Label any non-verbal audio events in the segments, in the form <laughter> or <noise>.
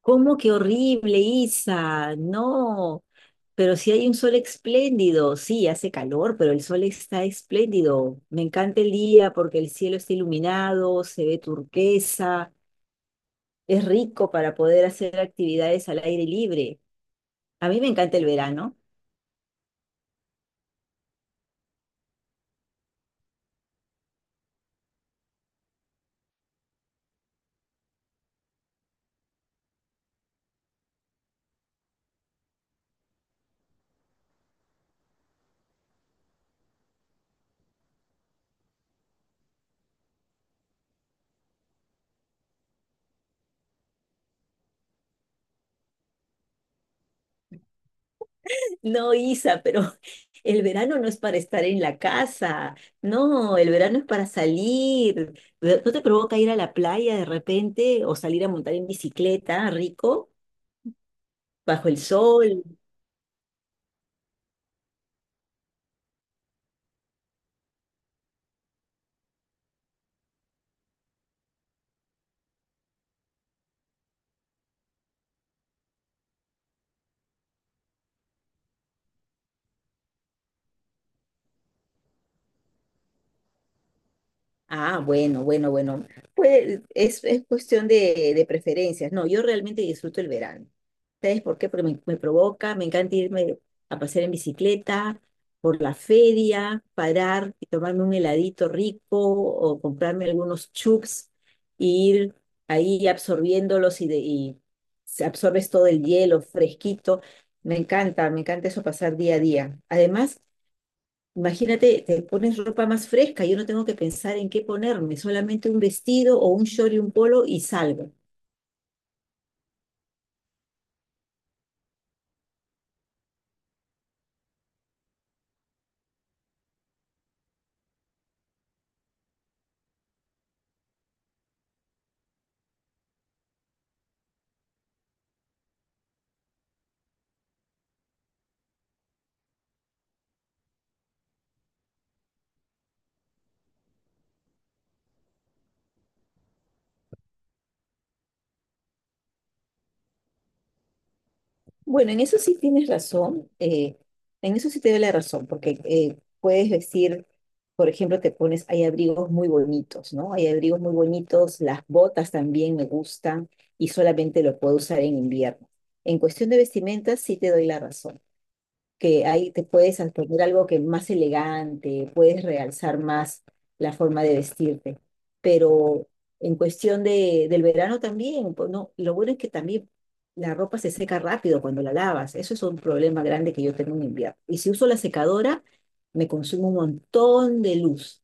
¿Cómo que horrible, Isa? No, pero si hay un sol espléndido, sí, hace calor, pero el sol está espléndido. Me encanta el día porque el cielo está iluminado, se ve turquesa, es rico para poder hacer actividades al aire libre. A mí me encanta el verano. No, Isa, pero <laughs> el verano no es para estar en la casa, no, el verano es para salir. ¿No te provoca ir a la playa de repente o salir a montar en bicicleta, rico? Bajo el sol. Ah, bueno, bueno, bueno. Pues es cuestión de preferencias. No, yo realmente disfruto el verano. ¿Sabes por qué? Porque me provoca, me encanta irme a pasear en bicicleta, por la feria, parar y tomarme un heladito rico o comprarme algunos chups y ir ahí absorbiéndolos y absorbes todo el hielo fresquito. Me encanta eso pasar día a día. Además, imagínate, te pones ropa más fresca, yo no tengo que pensar en qué ponerme, solamente un vestido o un short y un polo y salgo. Bueno, en eso sí tienes razón, en eso sí te doy la razón, porque puedes vestir, por ejemplo, te pones, hay abrigos muy bonitos, ¿no? Hay abrigos muy bonitos, las botas también me gustan y solamente lo puedo usar en invierno. En cuestión de vestimentas sí te doy la razón, que ahí te puedes poner algo que más elegante, puedes realzar más la forma de vestirte. Pero en cuestión del verano también, pues no, lo bueno es que también la ropa se seca rápido cuando la lavas. Eso es un problema grande que yo tengo en invierno. Y si uso la secadora, me consume un montón de luz.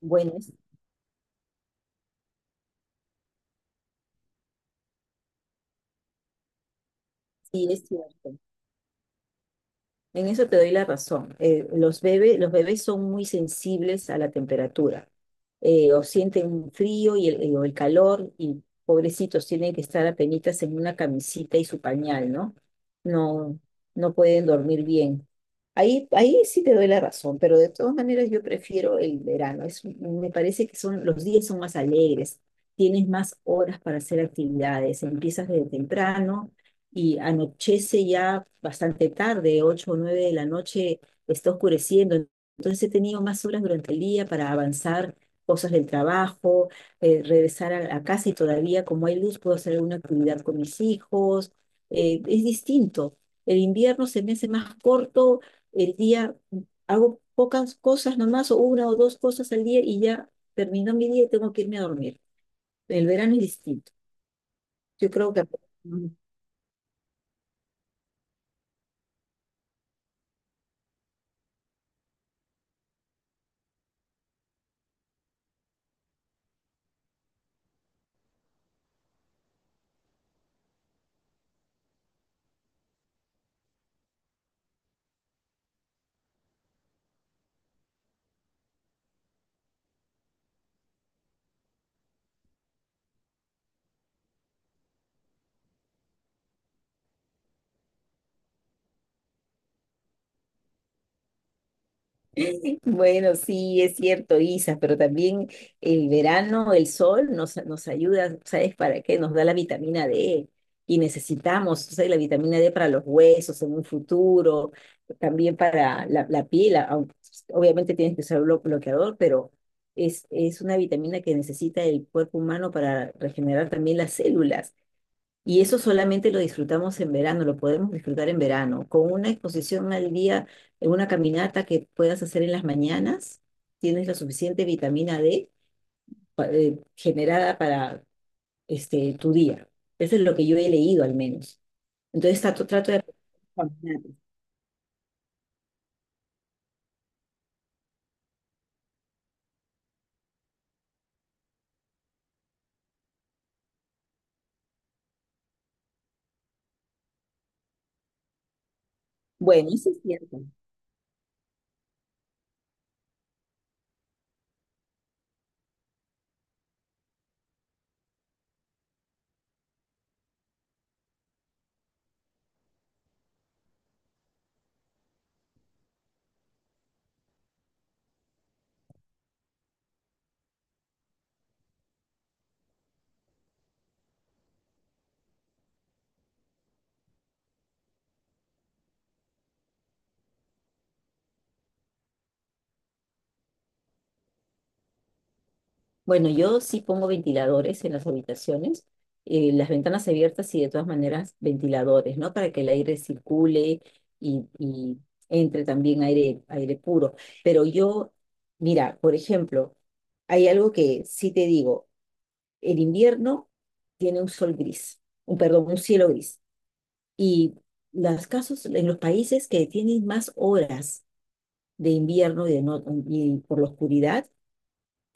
Bueno, sí es cierto. En eso te doy la razón. Los bebés son muy sensibles a la temperatura. O sienten frío o el calor, y pobrecitos tienen que estar apenitas en una camisita y su pañal, ¿no? No, no pueden dormir bien. Ahí sí te doy la razón, pero de todas maneras yo prefiero el verano. Me parece que los días son más alegres, tienes más horas para hacer actividades, empiezas desde temprano y anochece ya bastante tarde, 8 o 9 de la noche, está oscureciendo. Entonces he tenido más horas durante el día para avanzar cosas del trabajo, regresar la casa y todavía como hay luz puedo hacer alguna actividad con mis hijos. Es distinto. El invierno se me hace más corto, el día hago pocas cosas nomás, o una o dos cosas al día y ya terminó mi día y tengo que irme a dormir. El verano es distinto. Yo creo que... Bueno, sí, es cierto, Isa, pero también el verano, el sol nos ayuda, ¿sabes para qué? Nos da la vitamina D y necesitamos, ¿sabes? La vitamina D para los huesos en un futuro, también para la piel, obviamente tienes que usar bloqueador, pero es una vitamina que necesita el cuerpo humano para regenerar también las células. Y eso solamente lo disfrutamos en verano, lo podemos disfrutar en verano, con una exposición al día, en una caminata que puedas hacer en las mañanas, tienes la suficiente vitamina D generada para tu día. Eso es lo que yo he leído al menos. Entonces trato de... Bueno, eso es cierto. Bueno, yo sí pongo ventiladores en las habitaciones, las ventanas abiertas y de todas maneras ventiladores, ¿no? Para que el aire circule y entre también aire puro. Pero yo, mira, por ejemplo, hay algo que sí te digo, el invierno tiene un sol gris, perdón, un cielo gris. Y los casos en los países que tienen más horas de invierno y, de no- y por la oscuridad,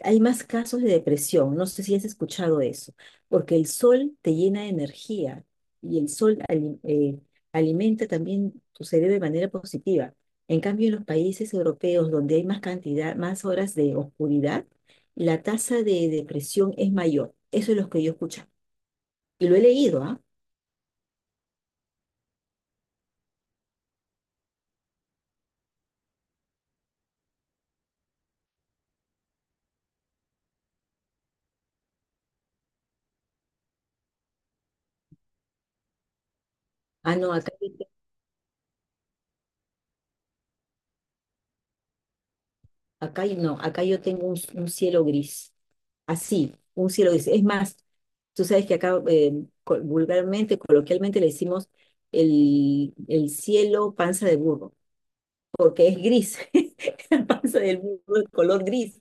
hay más casos de depresión, no sé si has escuchado eso, porque el sol te llena de energía y el sol alimenta también tu cerebro de manera positiva. En cambio, en los países europeos donde hay más cantidad, más horas de oscuridad, la tasa de depresión es mayor. Eso es lo que yo escucho. Y lo he leído, ¿ah? Ah, no, acá no, acá yo tengo un cielo gris. Así, un cielo gris. Es más, tú sabes que acá vulgarmente, coloquialmente le decimos el cielo panza de burro, porque es gris, <laughs> la panza del burro es color gris.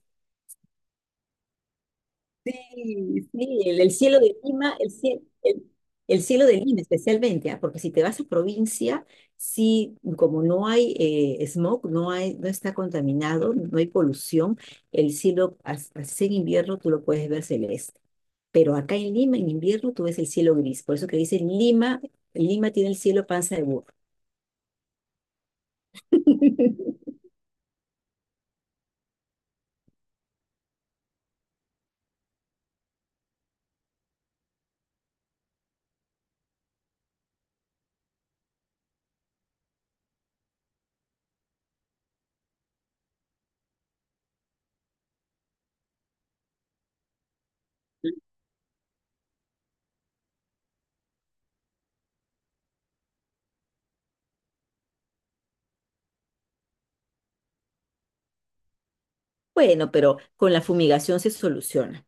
Sí, sí, el cielo de Lima, el cielo de Lima especialmente, ah, porque si te vas a provincia, sí, como no hay smog, no hay, no está contaminado, no hay polución, el cielo, así en invierno tú lo puedes ver celeste. Pero acá en Lima, en invierno, tú ves el cielo gris. Por eso que dicen Lima, Lima tiene el cielo panza de burro. <laughs> Bueno, pero con la fumigación se soluciona.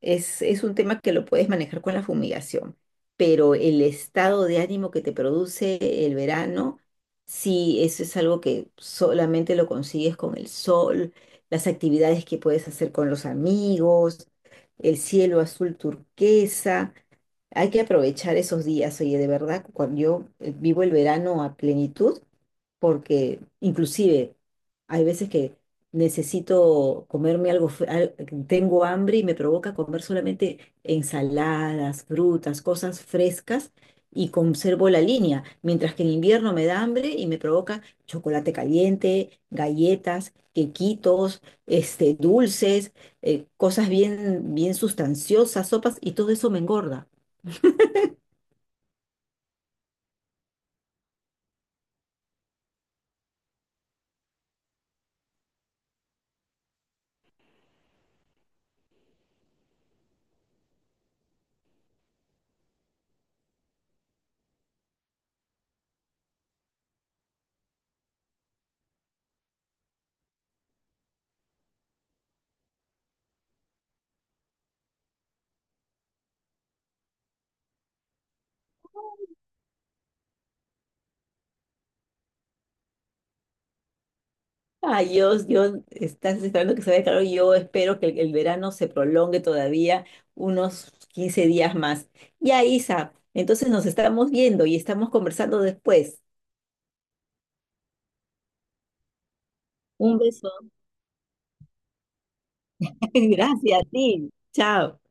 Es un tema que lo puedes manejar con la fumigación, pero el estado de ánimo que te produce el verano, sí, eso es algo que solamente lo consigues con el sol, las actividades que puedes hacer con los amigos, el cielo azul turquesa. Hay que aprovechar esos días, oye, de verdad, cuando yo vivo el verano a plenitud porque inclusive hay veces que necesito comerme algo, tengo hambre y me provoca comer solamente ensaladas, frutas, cosas frescas y conservo la línea, mientras que en invierno me da hambre y me provoca chocolate caliente, galletas, quequitos, dulces, cosas bien, bien sustanciosas, sopas y todo eso me engorda. Ah, yo estás esperando que se vaya claro. Yo espero que el verano se prolongue todavía unos 15 días más. Ya, Isa, entonces nos estamos viendo y estamos conversando después. Un beso. <laughs> Gracias a ti. Chao.